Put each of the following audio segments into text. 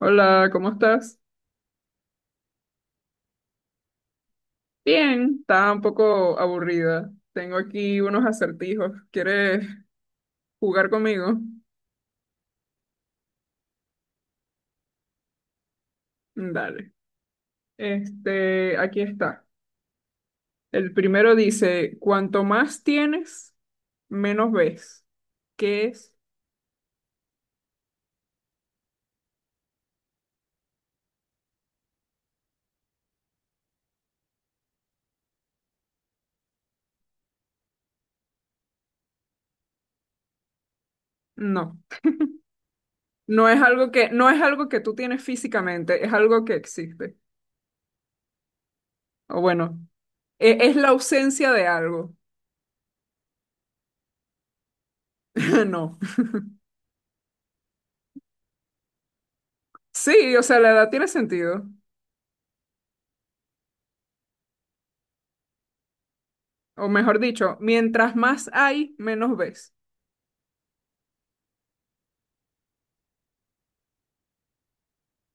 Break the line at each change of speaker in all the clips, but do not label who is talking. Hola, ¿cómo estás? Bien, está un poco aburrida. Tengo aquí unos acertijos. ¿Quieres jugar conmigo? Dale. Este, aquí está. El primero dice, cuanto más tienes, menos ves. ¿Qué es? No. No es algo que tú tienes físicamente, es algo que existe. O bueno, es la ausencia de algo. No. Sí, o sea, la edad tiene sentido. O mejor dicho, mientras más hay, menos ves.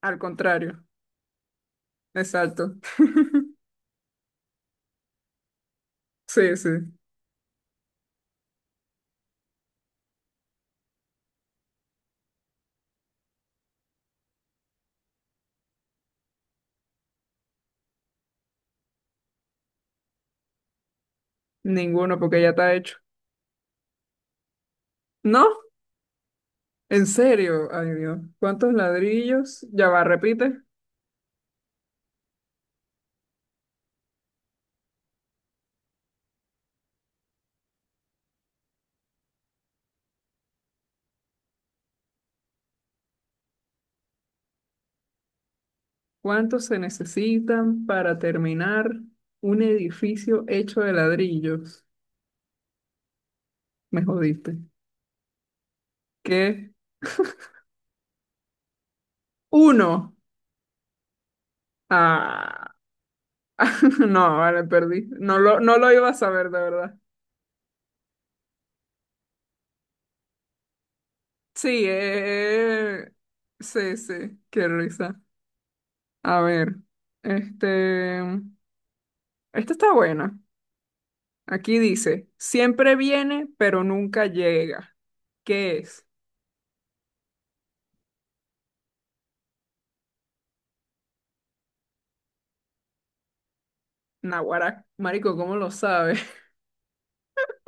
Al contrario, exacto. Sí, sí, ninguno porque ya está hecho. No, en serio, ay Dios, ¿cuántos ladrillos? Ya va, repite, ¿cuántos se necesitan para terminar un edificio hecho de ladrillos? Me jodiste. ¿Qué? Uno. Ah, no, vale, perdí. No lo iba a saber, de verdad. Sí, sí, sí, qué risa. A ver, este... Esta está buena. Aquí dice, siempre viene, pero nunca llega. ¿Qué es? Naguará, marico, ¿cómo lo sabes?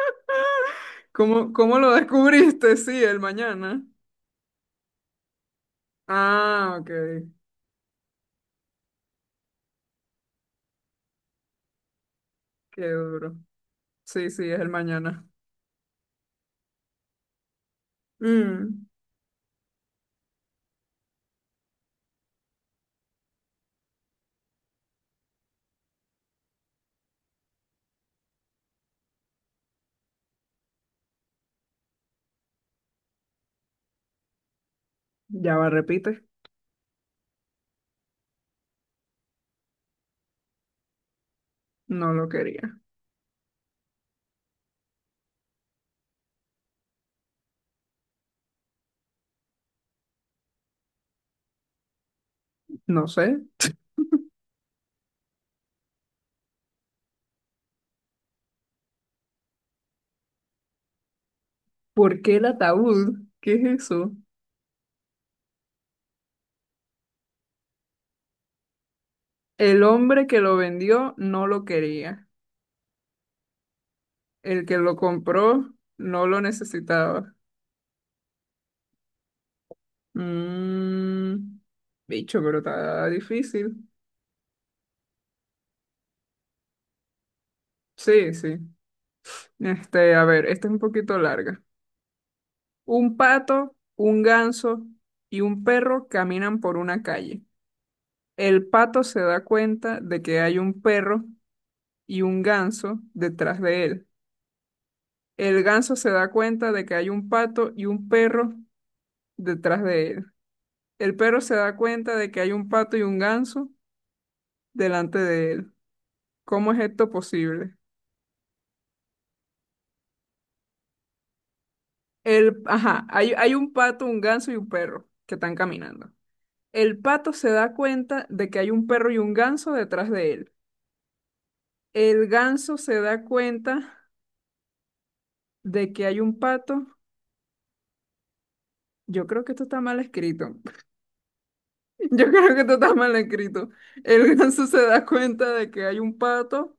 ¿Cómo lo descubriste? Sí, el mañana. Ah, ok. Qué duro. Sí, sí, es el mañana. Mm. Ya va, repite. No lo quería. No sé. ¿Por qué el ataúd? ¿Qué es eso? El hombre que lo vendió no lo quería. El que lo compró no lo necesitaba. Mm, bicho, pero está difícil. Sí, sí. Este, a ver, esta es un poquito larga. Un pato, un ganso y un perro caminan por una calle. El pato se da cuenta de que hay un perro y un ganso detrás de él. El ganso se da cuenta de que hay un pato y un perro detrás de él. El perro se da cuenta de que hay un pato y un ganso delante de él. ¿Cómo es esto posible? El, ajá, hay un pato, un ganso y un perro que están caminando. El pato se da cuenta de que hay un perro y un ganso detrás de él. El ganso se da cuenta de que hay un pato. Yo creo que esto está mal escrito. Yo creo que esto está mal escrito. El ganso se da cuenta de que hay un pato,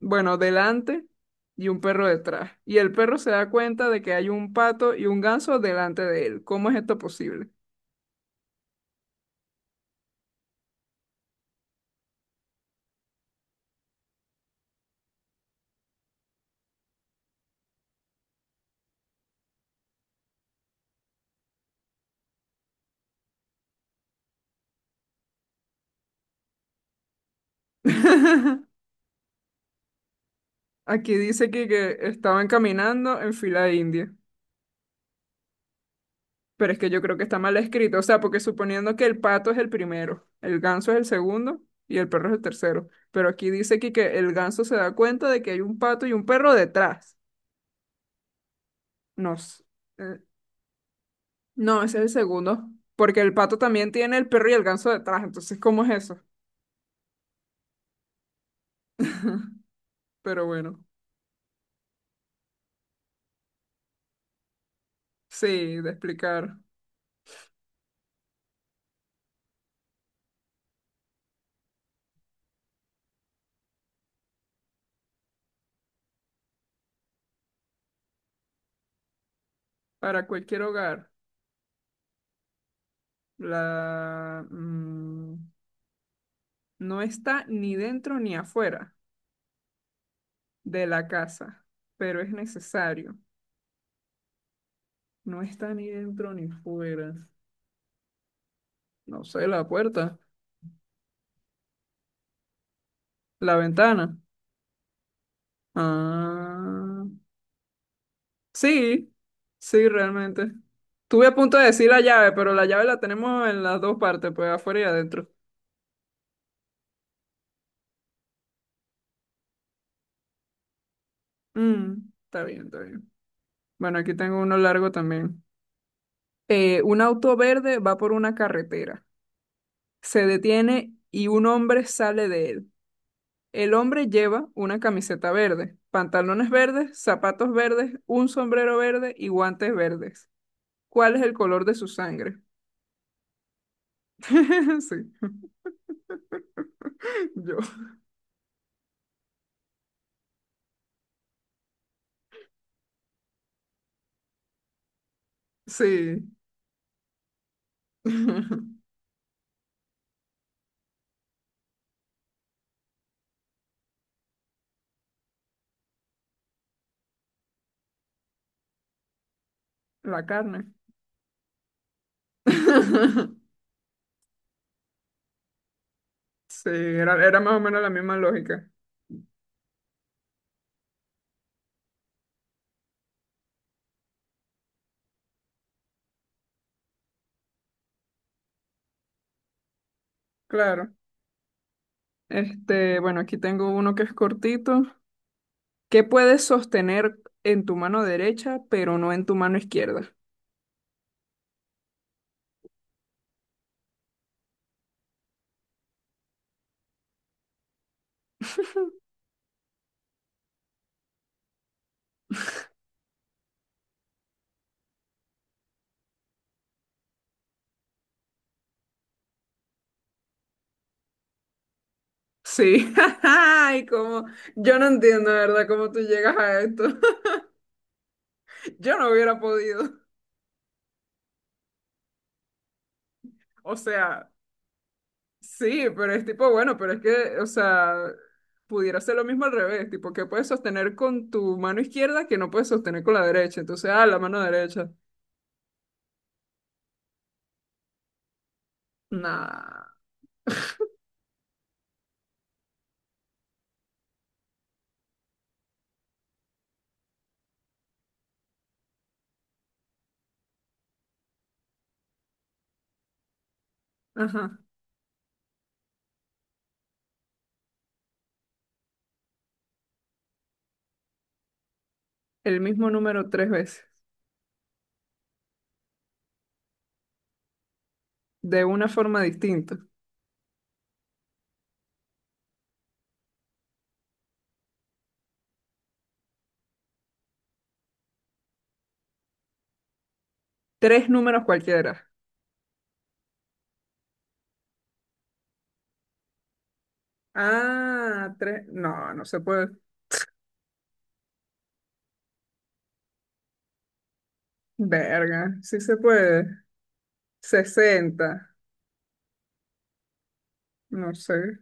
bueno, delante y un perro detrás. Y el perro se da cuenta de que hay un pato y un ganso delante de él. ¿Cómo es esto posible? Aquí dice que estaban caminando en fila india, pero es que yo creo que está mal escrito, o sea, porque suponiendo que el pato es el primero, el ganso es el segundo y el perro es el tercero, pero aquí dice que el ganso se da cuenta de que hay un pato y un perro detrás. No, eh, no, ese es el segundo, porque el pato también tiene el perro y el ganso detrás, entonces, ¿cómo es eso? Pero bueno, sí, de explicar para cualquier hogar, la... mm, no está ni dentro ni afuera. De la casa, pero es necesario. No está ni dentro ni fuera. No sé, la puerta, la ventana. Ah, sí, sí, realmente. Estuve a punto de decir la llave, pero la llave la tenemos en las dos partes, pues afuera y adentro. Mm, está bien, está bien. Bueno, aquí tengo uno largo también. Un auto verde va por una carretera, se detiene y un hombre sale de él. El hombre lleva una camiseta verde, pantalones verdes, zapatos verdes, un sombrero verde y guantes verdes. ¿Cuál es el color de su sangre? Sí, yo. Sí. La carne. Sí, era más o menos la misma lógica. Claro. Este, bueno, aquí tengo uno que es cortito. ¿Qué puedes sostener en tu mano derecha, pero no en tu mano izquierda? Sí. Ay, cómo. Yo no entiendo, de ¿verdad? ¿Cómo tú llegas a esto? Yo no hubiera podido. O sea, sí, pero es tipo, bueno, pero es que, o sea, pudiera ser lo mismo al revés, tipo, ¿qué puedes sostener con tu mano izquierda que no puedes sostener con la derecha? Entonces, ah, la mano derecha. Nah. Ajá. El mismo número tres veces, de una forma distinta. Tres números cualquiera. Ah, tres. No, no se puede. Verga, sí se puede. 60, no sé.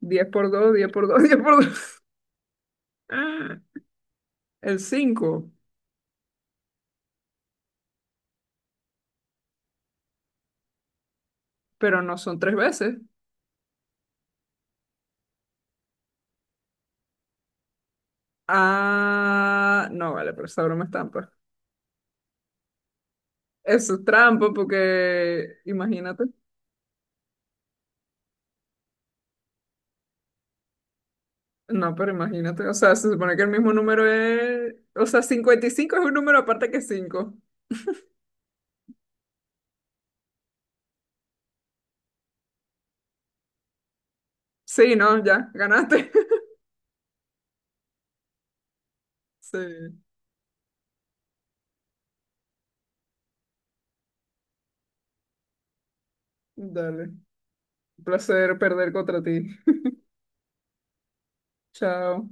10 por 2, 10 por 2, 10 por dos. El cinco, pero no son tres veces. Ah, no, vale, pero esa broma es trampa. Eso es trampa porque, imagínate. No, pero imagínate, o sea, se supone que el mismo número es, o sea, 55 es un número aparte que cinco. Sí, no, ya, ganaste. Sí, dale. Un placer perder contra ti. Chao.